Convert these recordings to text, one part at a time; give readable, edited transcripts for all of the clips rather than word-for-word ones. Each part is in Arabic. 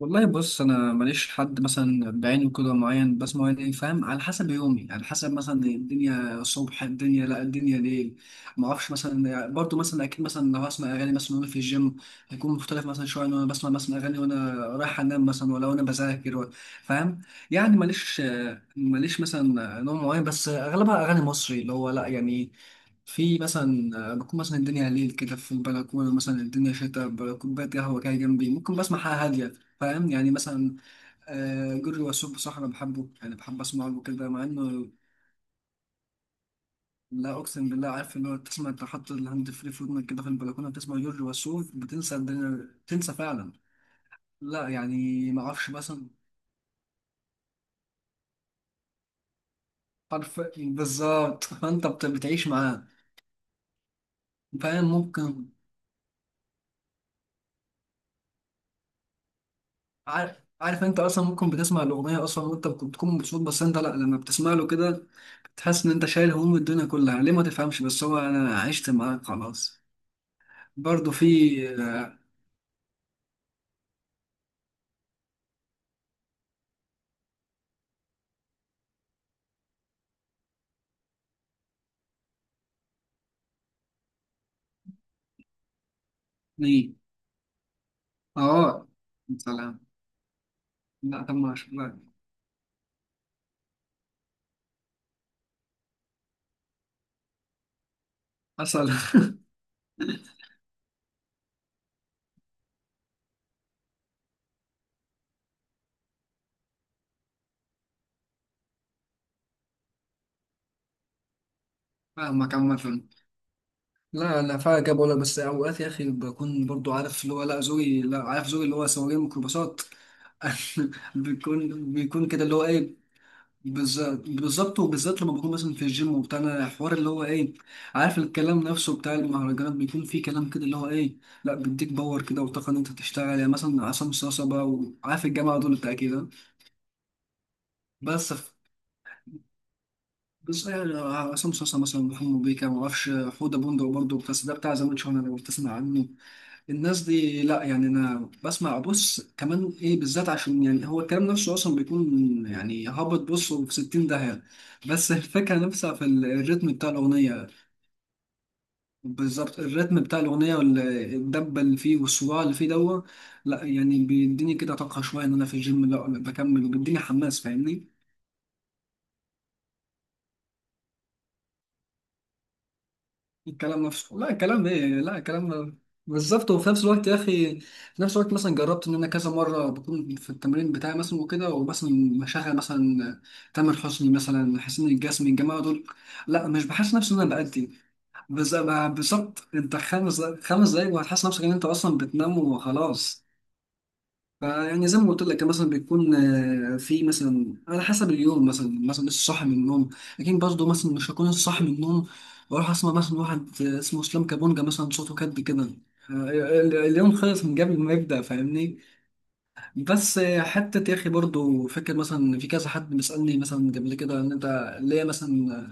والله، بص، انا ماليش حد مثلا بعينه كده معين بسمعه، يعني فاهم؟ على حسب يومي، على حسب مثلا الدنيا صبح، الدنيا لا، الدنيا ليل. ما اعرفش، مثلا برضو مثلا اكيد مثلا لو هسمع اغاني مثلا وانا في الجيم، هيكون مختلف مثلا شويه. ان انا بسمع مثلا اغاني وانا رايح انام مثلا، ولا وانا بذاكر فاهم يعني. ماليش مثلا نوع معين، بس اغلبها اغاني مصري، اللي هو لا يعني. في مثلا بكون مثلا الدنيا ليل كده في البلكونه مثلا، الدنيا شتاء، كوبايه قهوه كده جنبي، ممكن بسمع حاجه هاديه. فاهم يعني مثلا؟ جورج وسوف بصراحة أنا بحبه، يعني بحب أسمع له كده مع إنه لا، أقسم بالله، عارف اللي هو تسمع أنت حاطط الهاند فري في ودنك كده في البلكونة، بتسمع جورج وسوف بتنسى الدنيا، بتنسى فعلا. لا يعني ما أعرفش مثلا. عارف بالظبط، بتعيش معاه. فاهم؟ ممكن. عارف، عارف أنت أصلا ممكن بتسمع الأغنية أصلا، بتكون مبسوط، بس أنت لا لما بتسمع له كده بتحس إن أنت شايل هموم الدنيا كلها. ليه ما تفهمش، بس هو أنا عشت معاه خلاص. برضه في. آه، ليه؟ اه. سلام. لا طب ما شاء الله. حصل. فاهمك عامة. لا، انا فعلا جاب ولا، بس اوقات يا اخي بكون برضو عارف اللي هو لا، ذوقي، لا، عارف ذوقي اللي هو سواقين ميكروباصات. بيكون كده اللي هو ايه. بالظبط، بالظبط، وبالذات لما بكون مثلا في الجيم وبتاع، أنا الحوار اللي هو ايه؟ عارف الكلام نفسه بتاع المهرجانات بيكون فيه كلام كده اللي هو ايه؟ لا، بيديك باور كده وطاقه ان انت تشتغل، يعني مثلا عصام صاصا بقى، وعارف الجامعه دول بتاع كده. بس، بس يعني عصام صاصا مثلا، محمد بيكا، ما اعرفش، حوده بندق برضه، بس ده بتاع زمان، شهر لو بتسمع عنه. الناس دي لا يعني انا بسمع، بص كمان ايه بالذات عشان يعني هو الكلام نفسه اصلا بيكون يعني هابط، بص، في 60 داهيه. بس الفكره نفسها في الريتم بتاع الاغنيه. بالظبط، الريتم بتاع الاغنيه والدبه اللي فيه والصراع اللي فيه دوت. لا يعني بيديني كده طاقه شويه ان انا في الجيم لا بكمل، وبيديني حماس، فاهمني؟ الكلام نفسه، لا الكلام ايه، لا الكلام. بالظبط. وفي نفس الوقت يا اخي، في نفس الوقت مثلا جربت ان انا كذا مره بكون في التمرين بتاعي مثلا، وكده ومثلا بشغل مثلا تامر حسني مثلا، حسين الجسمي، الجماعه دول، لا مش بحس نفسي ان انا بأدي. بز- بالظبط، انت خمس خمس دقايق وهتحس نفسك ان انت اصلا بتنام وخلاص. يعني زي ما قلت لك مثلا بيكون في مثلا على حسب اليوم مثلا لسه صاحي من النوم. لكن برضه مثلا مش هكون لسه صاحي من النوم، واروح اسمع مثلا واحد اسمه اسلام كابونجا مثلا، صوته كده. اليوم خلص من قبل ما يبدأ، فاهمني؟ بس حتة يا أخي برضه فكرة مثلا، في كذا حد بيسألني مثلا قبل كده إن أنت ليه مثلا،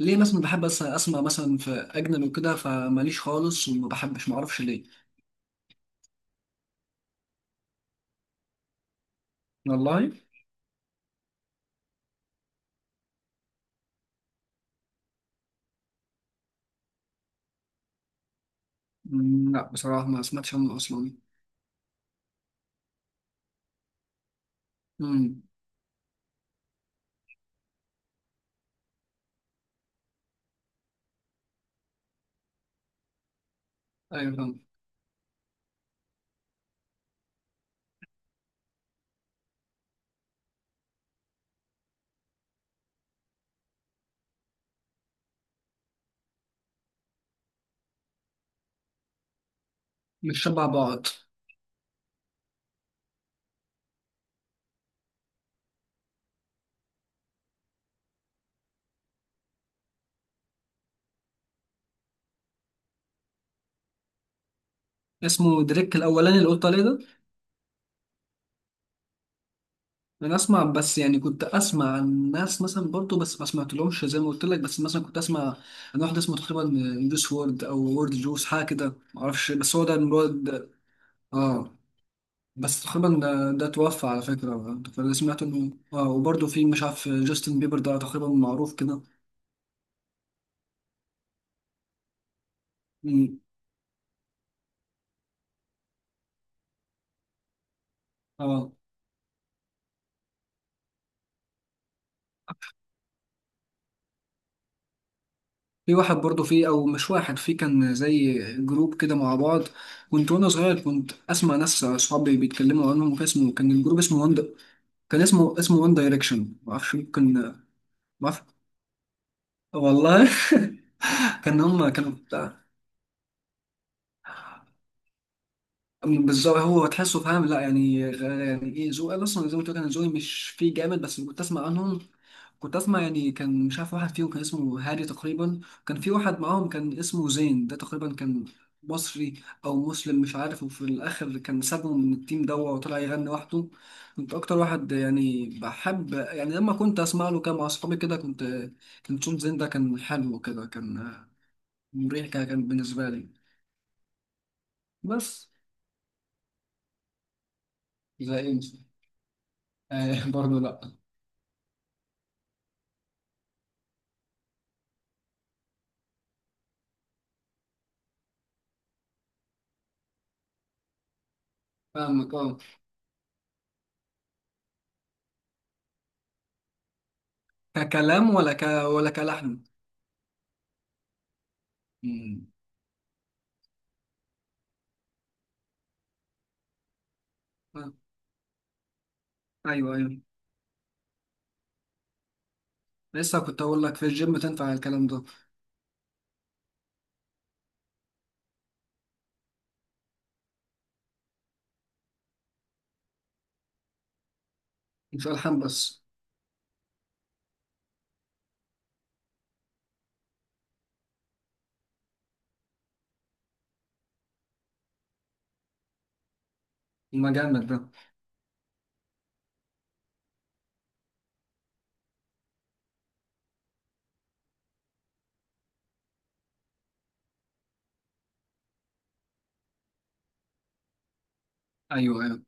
ليه مثلا بحب أسمع مثلا في أجنبي وكده، فماليش خالص وما بحبش، معرفش ليه. والله. مم، لا بصراحة ما سمعتش عنه أصلا. مم. ايوه فاهم. مش شبع بعض. اسمه دريك الاولاني اللي قلت عليه ده. انا اسمع، بس يعني كنت اسمع عن ناس مثلا برضو بس ما سمعتلهمش زي ما قلت لك، بس مثلا كنت اسمع عن واحد اسمه تقريبا جوس وورد او وورد جوس، حاجه كده ما اعرفش، بس هو ده المراد. اه. بس تقريبا ده توفى على فكره، فاللي سمعته انه اه، وبرضو في مش عارف جاستن بيبر ده تقريبا معروف كده. مم. اه. في واحد برضه فيه، او مش واحد، فيه كان زي جروب كده مع بعض، كنت وانا صغير كنت اسمع ناس اصحابي بيتكلموا عنهم، كان اسمه، كان الجروب اسمه كان اسمه وان دايركشن، ما اعرفش ممكن ما اعرف والله. كان هم كانوا بتاع بالظبط، هو تحسه فاهم لا يعني، يعني ايه ذوقي أنا اصلا زي ما قلت لك انا ذوقي مش فيه جامد، بس كنت اسمع عنهم. كنت اسمع يعني كان مش عارف، واحد فيهم كان اسمه هادي تقريبا، كان في واحد معاهم كان اسمه زين، ده تقريبا كان مصري او مسلم مش عارف، وفي الاخر كان سابهم من التيم ده وطلع يغني لوحده. كنت اكتر واحد يعني بحب، يعني لما كنت اسمع له كده مع اصحابي كده كنت صوت زين ده كان حلو كده، كان مريح كده كان بالنسبه لي. بس زي انت. آه برضه لا. فاهمك اه. ككلام ولا كلحن. مم. آه، ايوه، ايوه، لسه كنت اقول لك في الجيم تنفع الكلام ده. مش الحام بس. المجامل ده. ايوه، ايوه،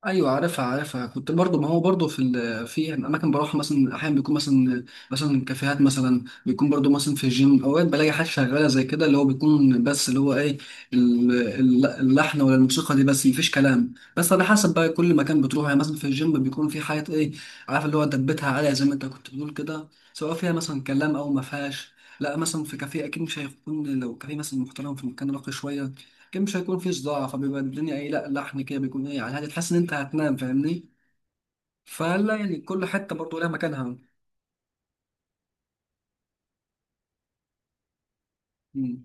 ايوه، عارفها، عارفها، كنت برضو، ما هو برضو في في اماكن بروح مثلا احيانا بيكون مثلا، مثلا كافيهات مثلا بيكون برضو مثلا في الجيم اوقات بلاقي حاجات شغاله زي كده اللي هو بيكون، بس اللي هو ايه اللحن ولا الموسيقى دي، بس مفيش كلام. بس على حسب بقى كل مكان بتروح، يعني مثلا في الجيم بيكون في حاجات ايه عارف اللي هو دبتها عاليه زي ما انت كنت بتقول كده، سواء فيها مثلا كلام او ما فيهاش. لا مثلا في كافيه اكيد مش هيكون، لو كافيه مثلا محترم في مكان راقي شويه كان مش هيكون فيه صداع، فبيبقى الدنيا ايه، لا لحن كده بيكون ايه، يعني هتحس ان انت هتنام فاهمني؟ فلا، يعني كل حته برضو لها مكانها. مم.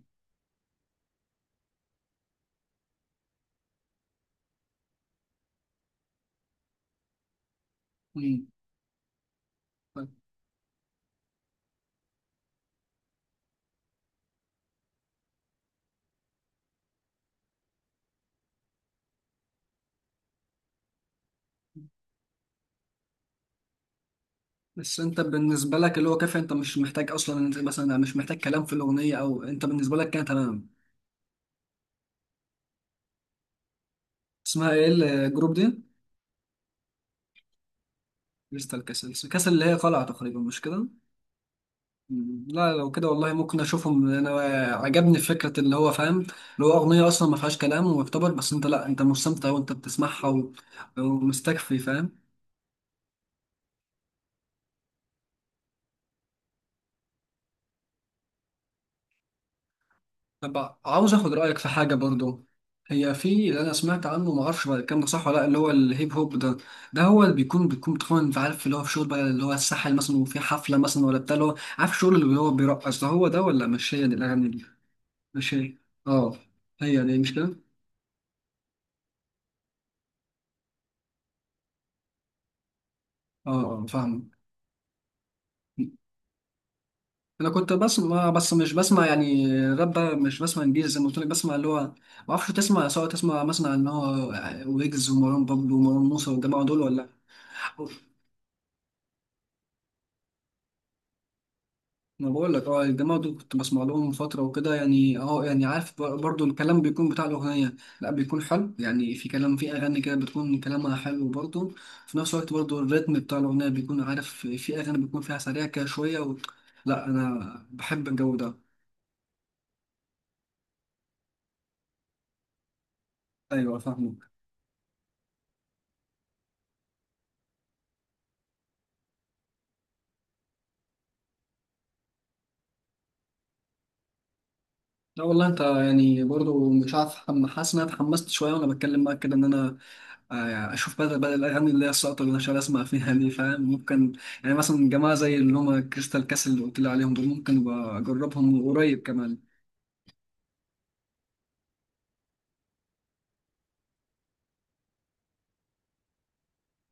مم. بس انت بالنسبه لك اللي هو كافي، انت مش محتاج اصلا، انت مثلا مش محتاج كلام في الاغنيه، او انت بالنسبه لك كانت تمام. اسمها ايه الجروب دي؟ كريستال كاسل كاسل اللي هي قلعه تقريبا مش كده؟ مم. لا لو كده والله ممكن اشوفهم انا. عجبني فكره اللي هو فاهم اللي هو اغنيه اصلا ما فيهاش كلام ويعتبر، بس انت لا انت مستمتع وانت بتسمعها ومستكفي، فاهم؟ طب عاوز اخد رايك في حاجه برضو، هي في اللي انا سمعت عنه، ما اعرفش بقى الكلام ده صح ولا لا، اللي هو الهيب هوب ده، ده هو اللي بيكون بتكون انت عارف اللي هو في شغل بقى اللي هو الساحل مثلا وفي حفله مثلا ولا بتاع، اللي هو عارف الشغل اللي هو بيرقص ده هو ده، ولا مش هي دي الاغاني دي؟ مش هي. اه. هي دي مش كده. اه. آه، فاهم. انا كنت بسمع، بس مش بسمع يعني راب بقى، مش بسمع انجليزي زي ما قلت لك، بسمع اللي هو ما اعرفش تسمع، سواء تسمع مثلا عن ان هو ويجز ومروان بابلو ومروان موسى والجماعه دول ولا. انا بقول لك اه الجماعه دول كنت بسمع لهم من فتره وكده، يعني اه يعني عارف برضو الكلام بيكون بتاع الاغنيه، لا بيكون حلو يعني، في كلام في اغاني كده بتكون كلامها حلو برضو. في نفس الوقت برضو الريتم بتاع الاغنيه بيكون عارف، في اغاني بيكون فيها سريع كده شويه و... لا انا بحب الجو ده. ايوه فاهمك. لا والله انت يعني برضو مش عارف حاسس ان انا اتحمست شويه وانا بتكلم معاك كده، ان انا آه يعني اشوف بدل بدل الاغاني اللي هي الساقطه اللي أنا شغال اسمع فيها دي، فاهم ممكن يعني مثلا جماعه زي اللي هم كريستال كاسل اللي قلت لي عليهم دول ممكن ابقى اجربهم قريب كمان.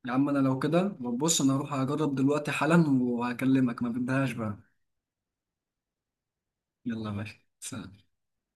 يا عم انا لو كده بص انا هروح اجرب دلوقتي حالا وهكلمك، ما بدهاش بقى. يلا يا باشا. سلام.